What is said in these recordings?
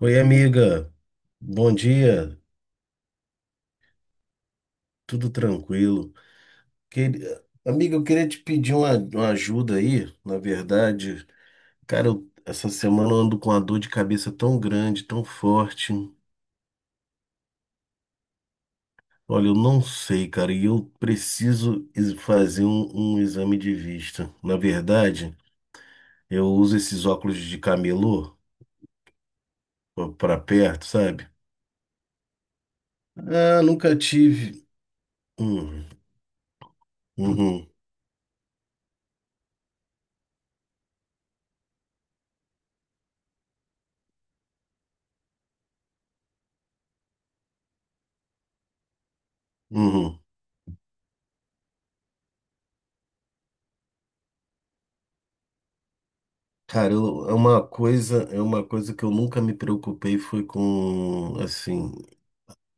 Oi, amiga. Bom dia. Tudo tranquilo? Amiga, eu queria te pedir uma ajuda aí. Na verdade, cara, essa semana eu ando com uma dor de cabeça tão grande, tão forte. Olha, eu não sei, cara, e eu preciso fazer um exame de vista. Na verdade, eu uso esses óculos de camelô pra perto, sabe? Ah, nunca tive. Hum, uhum, uhum. Cara, é uma coisa que eu nunca me preocupei foi com, assim,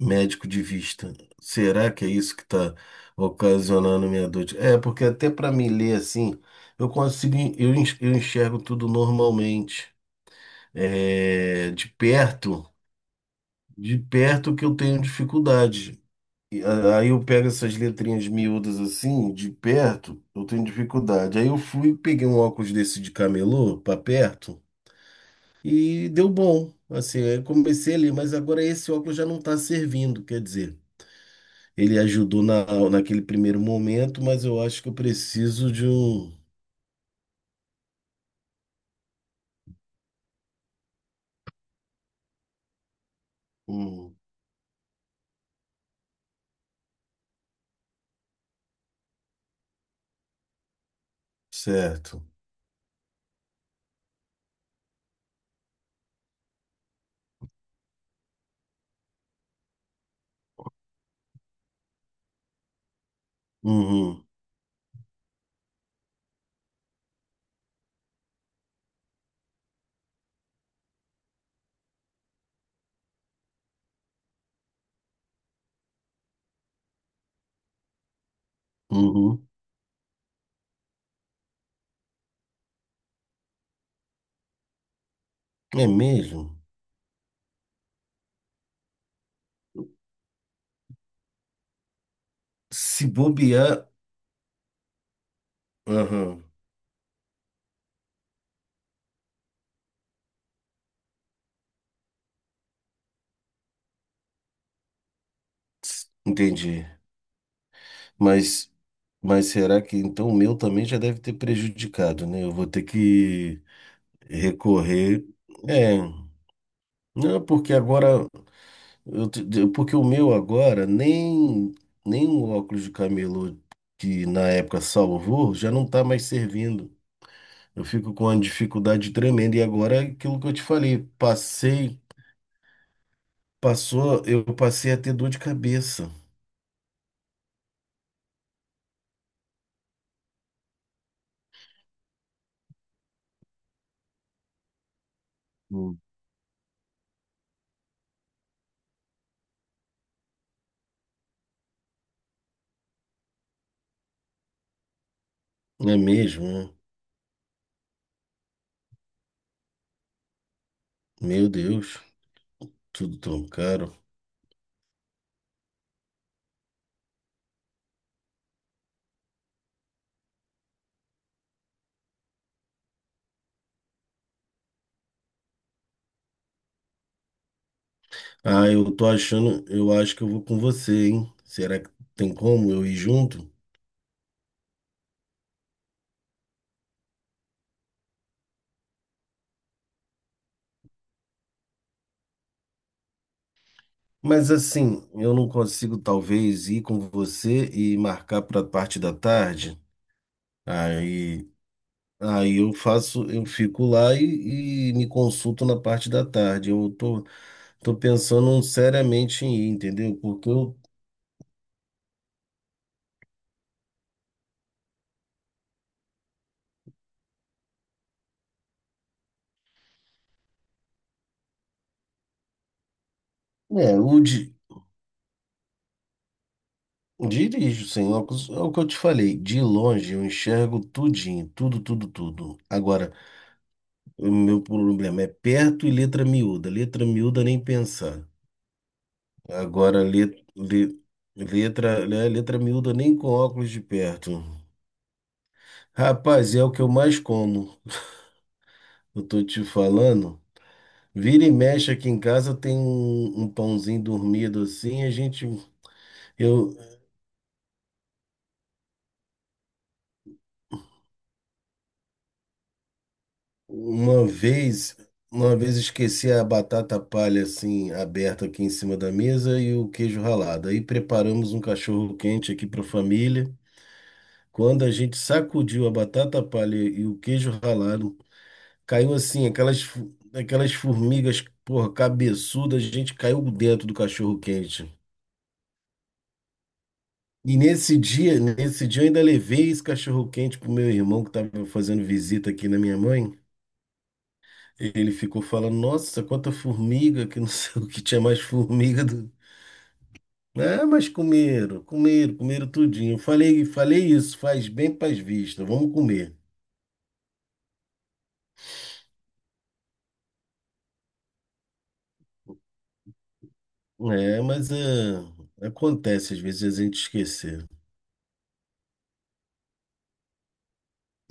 médico de vista. Será que é isso que está ocasionando minha dor? É, porque até para me ler assim, eu consigo, eu enxergo tudo normalmente. É, de perto que eu tenho dificuldade. Aí eu pego essas letrinhas miúdas assim, de perto, eu tenho dificuldade. Aí eu fui, peguei um óculos desse de camelô, para perto. E deu bom. Assim, eu comecei ali, mas agora esse óculos já não está servindo. Quer dizer, ele ajudou naquele primeiro momento, mas eu acho que eu preciso de um. um- Certo. Uhum, uhum. É mesmo? Se bobear. Aham. Entendi. Mas, mas será que então o meu também já deve ter prejudicado, né? Eu vou ter que recorrer. É. Não, porque agora. Porque o meu agora, nem o óculos de camelô que na época salvou, já não tá mais servindo. Eu fico com uma dificuldade tremenda. E agora é aquilo que eu te falei, passei, passou, eu passei a ter dor de cabeça. Hum. Não é mesmo, né? Meu Deus, tudo tão caro. Ah, eu acho que eu vou com você, hein? Será que tem como eu ir junto? Mas assim, eu não consigo talvez ir com você e marcar para a parte da tarde. Aí, aí eu faço, eu fico lá e me consulto na parte da tarde. Eu tô pensando seriamente em ir, entendeu? Porque eu dirijo sem óculos, é o que eu te falei. De longe eu enxergo tudinho, tudo, tudo, tudo. Agora, o meu problema é perto e letra miúda. Letra miúda nem pensar. Agora, letra, né, letra miúda nem com óculos de perto. Rapaz, é o que eu mais como. Eu tô te falando. Vira e mexe aqui em casa tem um pãozinho dormido assim. Eu uma vez, uma vez esqueci a batata palha assim aberta aqui em cima da mesa e o queijo ralado. Aí preparamos um cachorro quente aqui para a família. Quando a gente sacudiu a batata palha e o queijo ralado caiu assim, aquelas formigas, porra, cabeçudas, a gente caiu dentro do cachorro-quente. E nesse dia eu ainda levei esse cachorro-quente pro meu irmão que tava fazendo visita aqui na minha mãe. Ele ficou falando, nossa, quanta formiga, que não sei o que tinha mais formiga do. Ah, mas comeram, comeram, comeram tudinho. Eu falei isso, faz bem pras vistas, vamos comer. É, mas é, acontece às vezes a gente esquecer.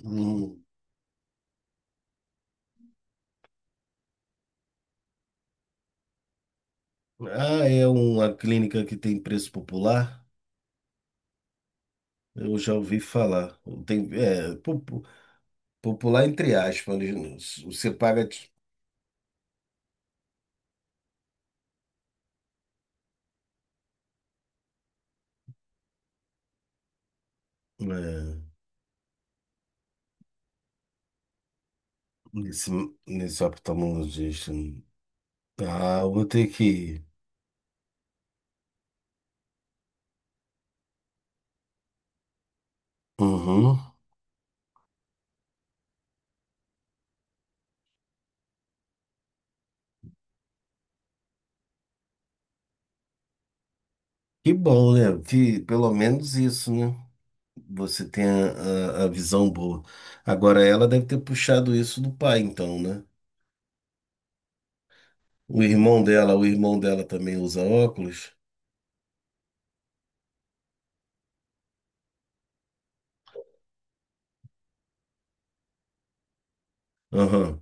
Hum. Ah, é uma clínica que tem preço popular? Eu já ouvi falar. Tem, é, popular entre aspas. Você paga é, nesse, nesse oftalmologista. Ah, eu vou ter que ir. Uhum. Que bom, né? Que pelo menos isso, né? Você tem a visão boa. Agora, ela deve ter puxado isso do pai, então, né? O irmão dela também usa óculos? Aham,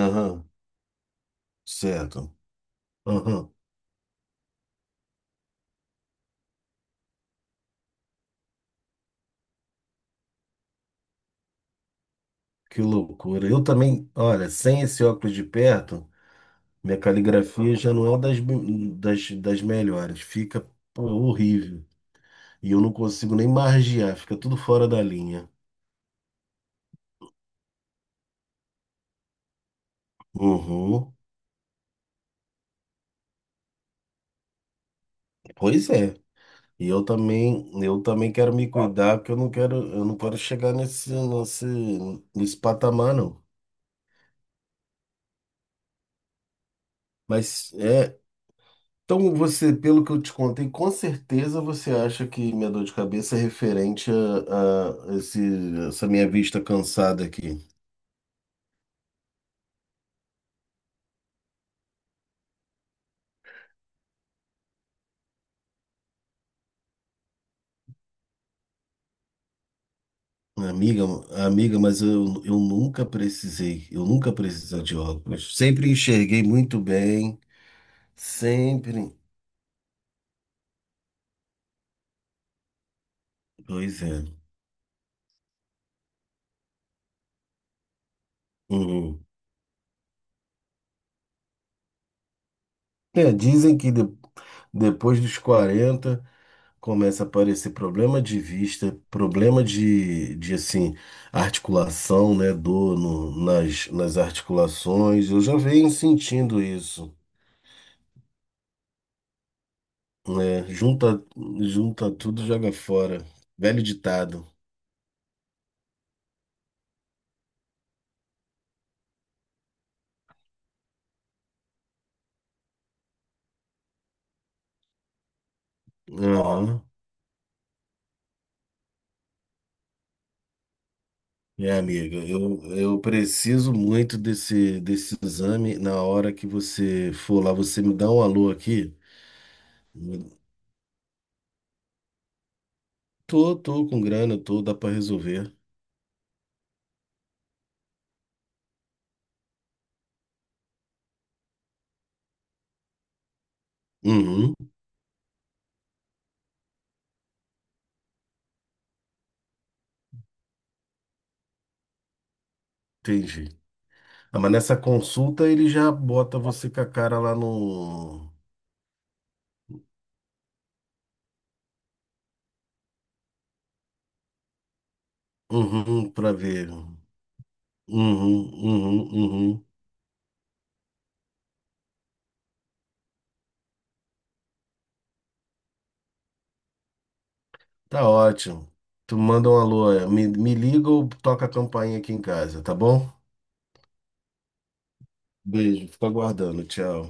aham, certo. Aham. Que loucura. Eu também, olha, sem esse óculos de perto, minha caligrafia já não é das melhores. Fica, pô, horrível. E eu não consigo nem margear, fica tudo fora da linha. Uhum. Pois é. E eu também quero me cuidar, porque eu não quero chegar nesse patamar, não. Mas é. Então, você, pelo que eu te contei, com certeza você acha que minha dor de cabeça é referente a essa minha vista cansada aqui. Né? Amiga, mas eu nunca precisei de óculos. Sempre enxerguei muito bem, sempre. Pois é. Uhum. É, dizem que depois dos 40 começa a aparecer problema de vista, problema de assim, articulação, né? Dor nas articulações. Eu já venho sentindo isso, né? Junta tudo, joga fora. Velho ditado. Aham. Minha amiga, eu preciso muito desse exame. Na hora que você for lá, você me dá um alô aqui. Tô com grana, dá pra resolver. Uhum, entendi. Ah, mas nessa consulta ele já bota você com a cara lá no. Uhum, pra ver. Uhum, uhum, uhum. Tá ótimo. Tu manda um alô, me liga ou toca a campainha aqui em casa, tá bom? Beijo, fico aguardando, tchau.